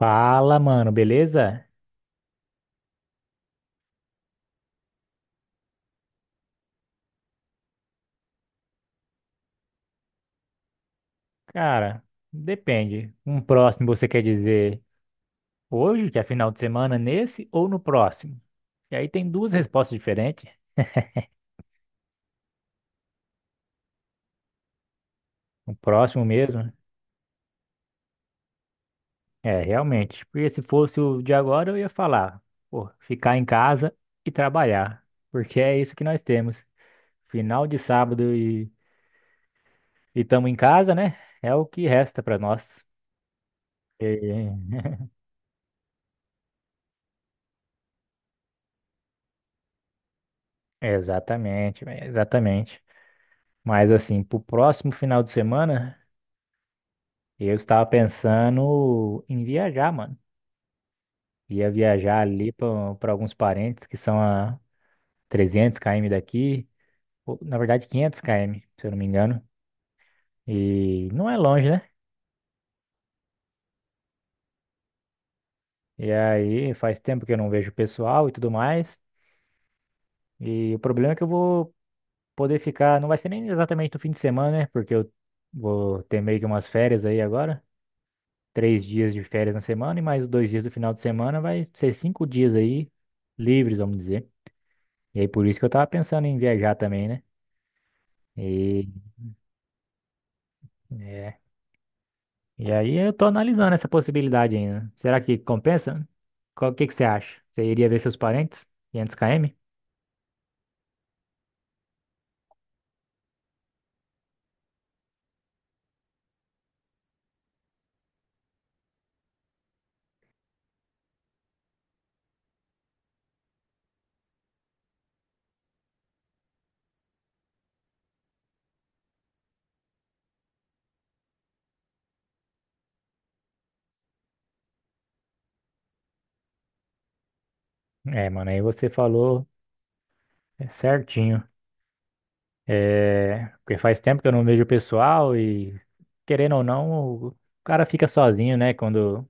Fala, mano, beleza? Cara, depende. Um próximo você quer dizer hoje, que é final de semana, nesse ou no próximo? E aí tem duas respostas diferentes. O próximo mesmo, é, realmente. Porque se fosse o de agora, eu ia falar, pô, ficar em casa e trabalhar. Porque é isso que nós temos. Final de sábado e estamos em casa, né? É o que resta para nós. E- Exatamente, véi, exatamente. Mas assim, pro próximo final de semana. E eu estava pensando em viajar, mano. Ia viajar ali para alguns parentes que são a 300 km daqui, ou, na verdade 500 km, se eu não me engano. E não é longe, né? E aí faz tempo que eu não vejo o pessoal e tudo mais. E o problema é que eu vou poder ficar, não vai ser nem exatamente no fim de semana, né? Porque eu vou ter meio que umas férias aí agora. 3 dias de férias na semana e mais 2 dias do final de semana, vai ser 5 dias aí livres, vamos dizer. E aí por isso que eu tava pensando em viajar também, né? E, é, e aí eu tô analisando essa possibilidade ainda. Será que compensa? O que que você acha? Você iria ver seus parentes? 500 km? É, mano, aí você falou é, certinho. É, porque faz tempo que eu não vejo o pessoal e, querendo ou não, o cara fica sozinho, né? Quando,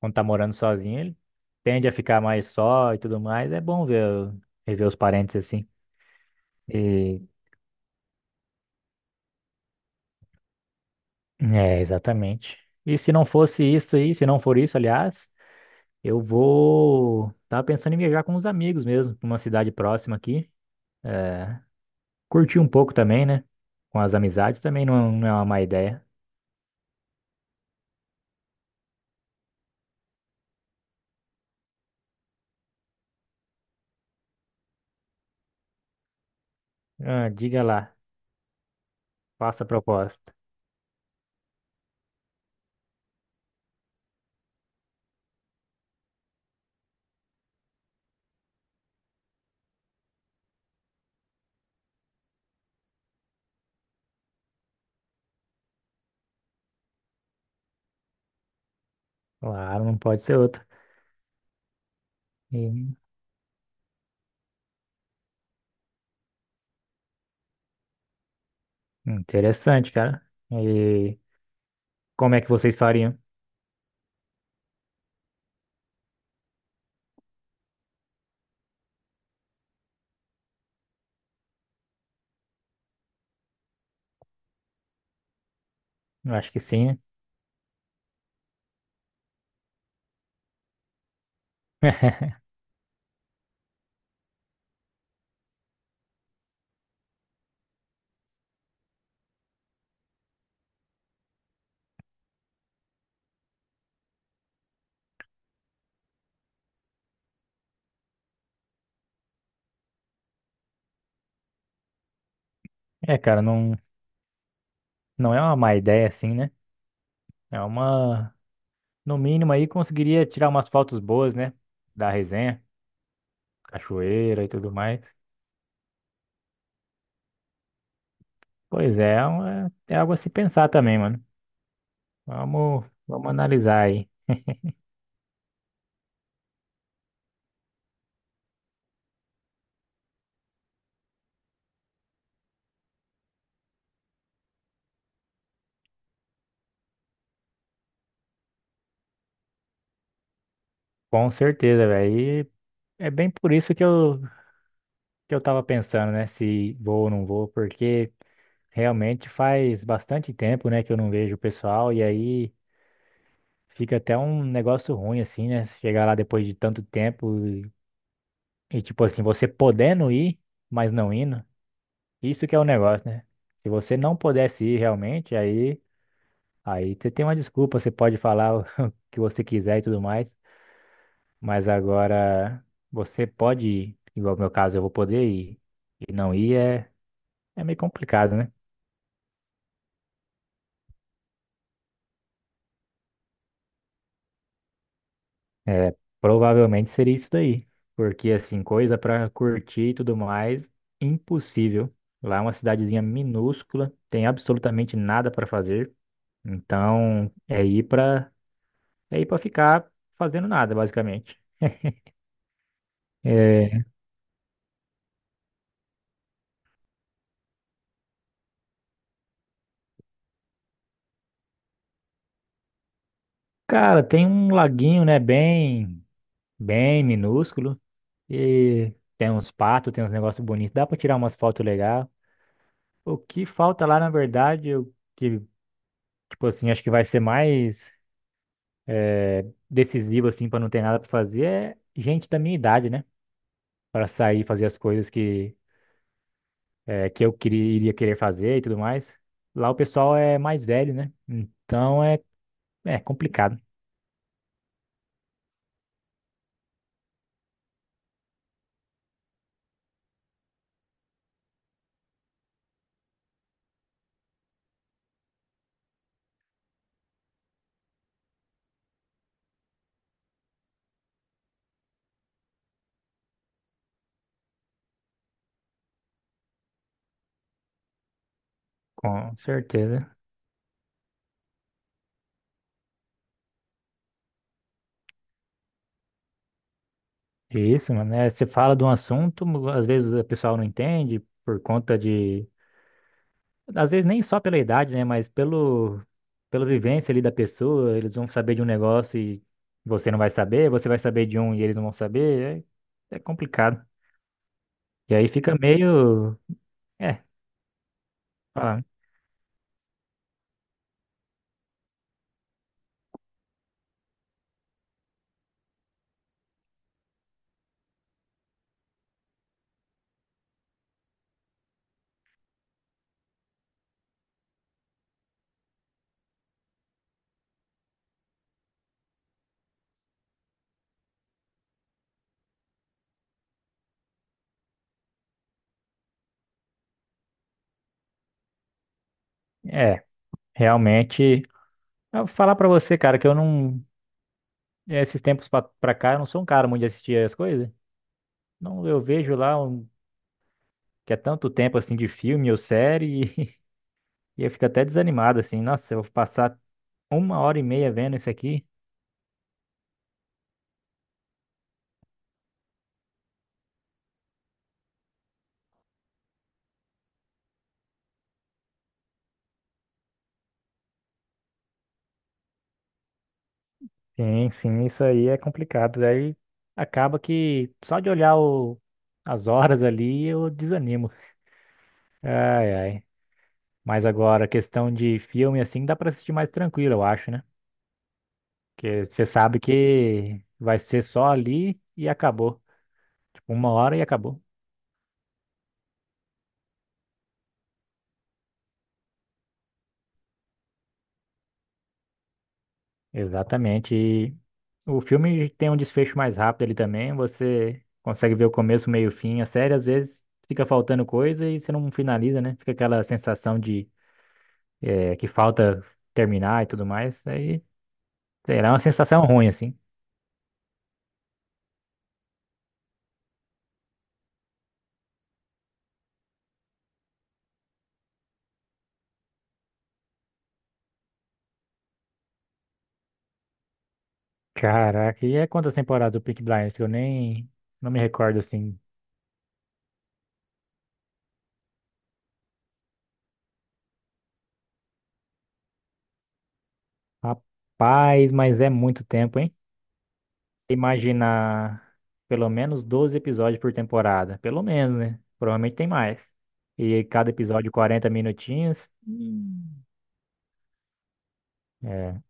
quando tá morando sozinho, ele tende a ficar mais só e tudo mais. É bom ver, rever os parentes assim. E É, exatamente. E se não fosse isso aí, se não for isso, aliás, eu vou. Tava pensando em viajar com os amigos mesmo, pra uma cidade próxima aqui. É, curtir um pouco também, né? Com as amizades também não, é, não é uma má ideia. Ah, diga lá, faça a proposta. Claro, não pode ser outra. E- Interessante, cara. E como é que vocês fariam? Eu acho que sim, né? É, cara, não é uma má ideia assim, né? É uma. No mínimo aí conseguiria tirar umas fotos boas, né? Da resenha, cachoeira e tudo mais. Pois é, é algo a se pensar também, mano. Vamos, vamos analisar aí. Com certeza, velho. E é bem por isso que eu tava pensando, né? Se vou ou não vou, porque realmente faz bastante tempo, né, que eu não vejo o pessoal e aí fica até um negócio ruim, assim, né? Chegar lá depois de tanto tempo e tipo assim, você podendo ir, mas não indo. Isso que é o negócio, né? Se você não pudesse ir realmente, aí você tem uma desculpa, você pode falar o que você quiser e tudo mais, mas agora você pode ir, igual no meu caso, eu vou poder ir e não ir é meio complicado, né? É, provavelmente seria isso daí, porque assim, coisa pra curtir e tudo mais, impossível. Lá é uma cidadezinha minúscula, tem absolutamente nada pra fazer, então é ir pra é ir para ficar fazendo nada, basicamente. É, cara, tem um laguinho, né, bem, bem minúsculo e tem uns patos, tem uns negócios bonitos, dá pra tirar umas fotos legais. O que falta lá, na verdade, eu, que, tipo assim, acho que vai ser mais decisivo, assim, pra não ter nada pra fazer, é gente da minha idade, né. Pra sair e fazer as coisas que eu queria, iria querer fazer e tudo mais. Lá o pessoal é mais velho, né, então é complicado, com certeza. Isso, mano. É, você fala de um assunto, às vezes o pessoal não entende por conta de. Às vezes nem só pela idade, né? Mas pela vivência ali da pessoa. Eles vão saber de um negócio e você não vai saber, você vai saber de um e eles não vão saber. É complicado. E aí fica meio. É, fala- é, realmente. Eu vou falar pra você, cara, que eu não. Esses tempos pra cá, eu não sou um cara muito de assistir as coisas. Não, eu vejo lá um, que é tanto tempo assim de filme ou série. E eu fico até desanimado, assim, nossa, eu vou passar uma hora e meia vendo isso aqui. Sim, sim, isso aí é complicado. Daí Acaba que só de olhar as horas ali eu desanimo. Ai, ai. Mas agora, questão de filme, assim, dá pra assistir mais tranquilo, eu acho, né? Porque você sabe que vai ser só ali e acabou. Tipo, uma hora e acabou. Exatamente. E o filme tem um desfecho mais rápido ali também. Você consegue ver o começo, meio e fim. A série, às vezes, fica faltando coisa e você não finaliza, né? Fica aquela sensação de que falta terminar e tudo mais. Aí, sei lá, é uma sensação ruim, assim. Caraca, e é quantas temporadas do Peaky Blinders que eu nem não me recordo, assim. Rapaz, mas é muito tempo, hein? Imaginar pelo menos 12 episódios por temporada, pelo menos, né? Provavelmente tem mais. E cada episódio 40 minutinhos. É.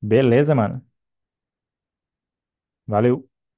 Beleza, mano. Valeu.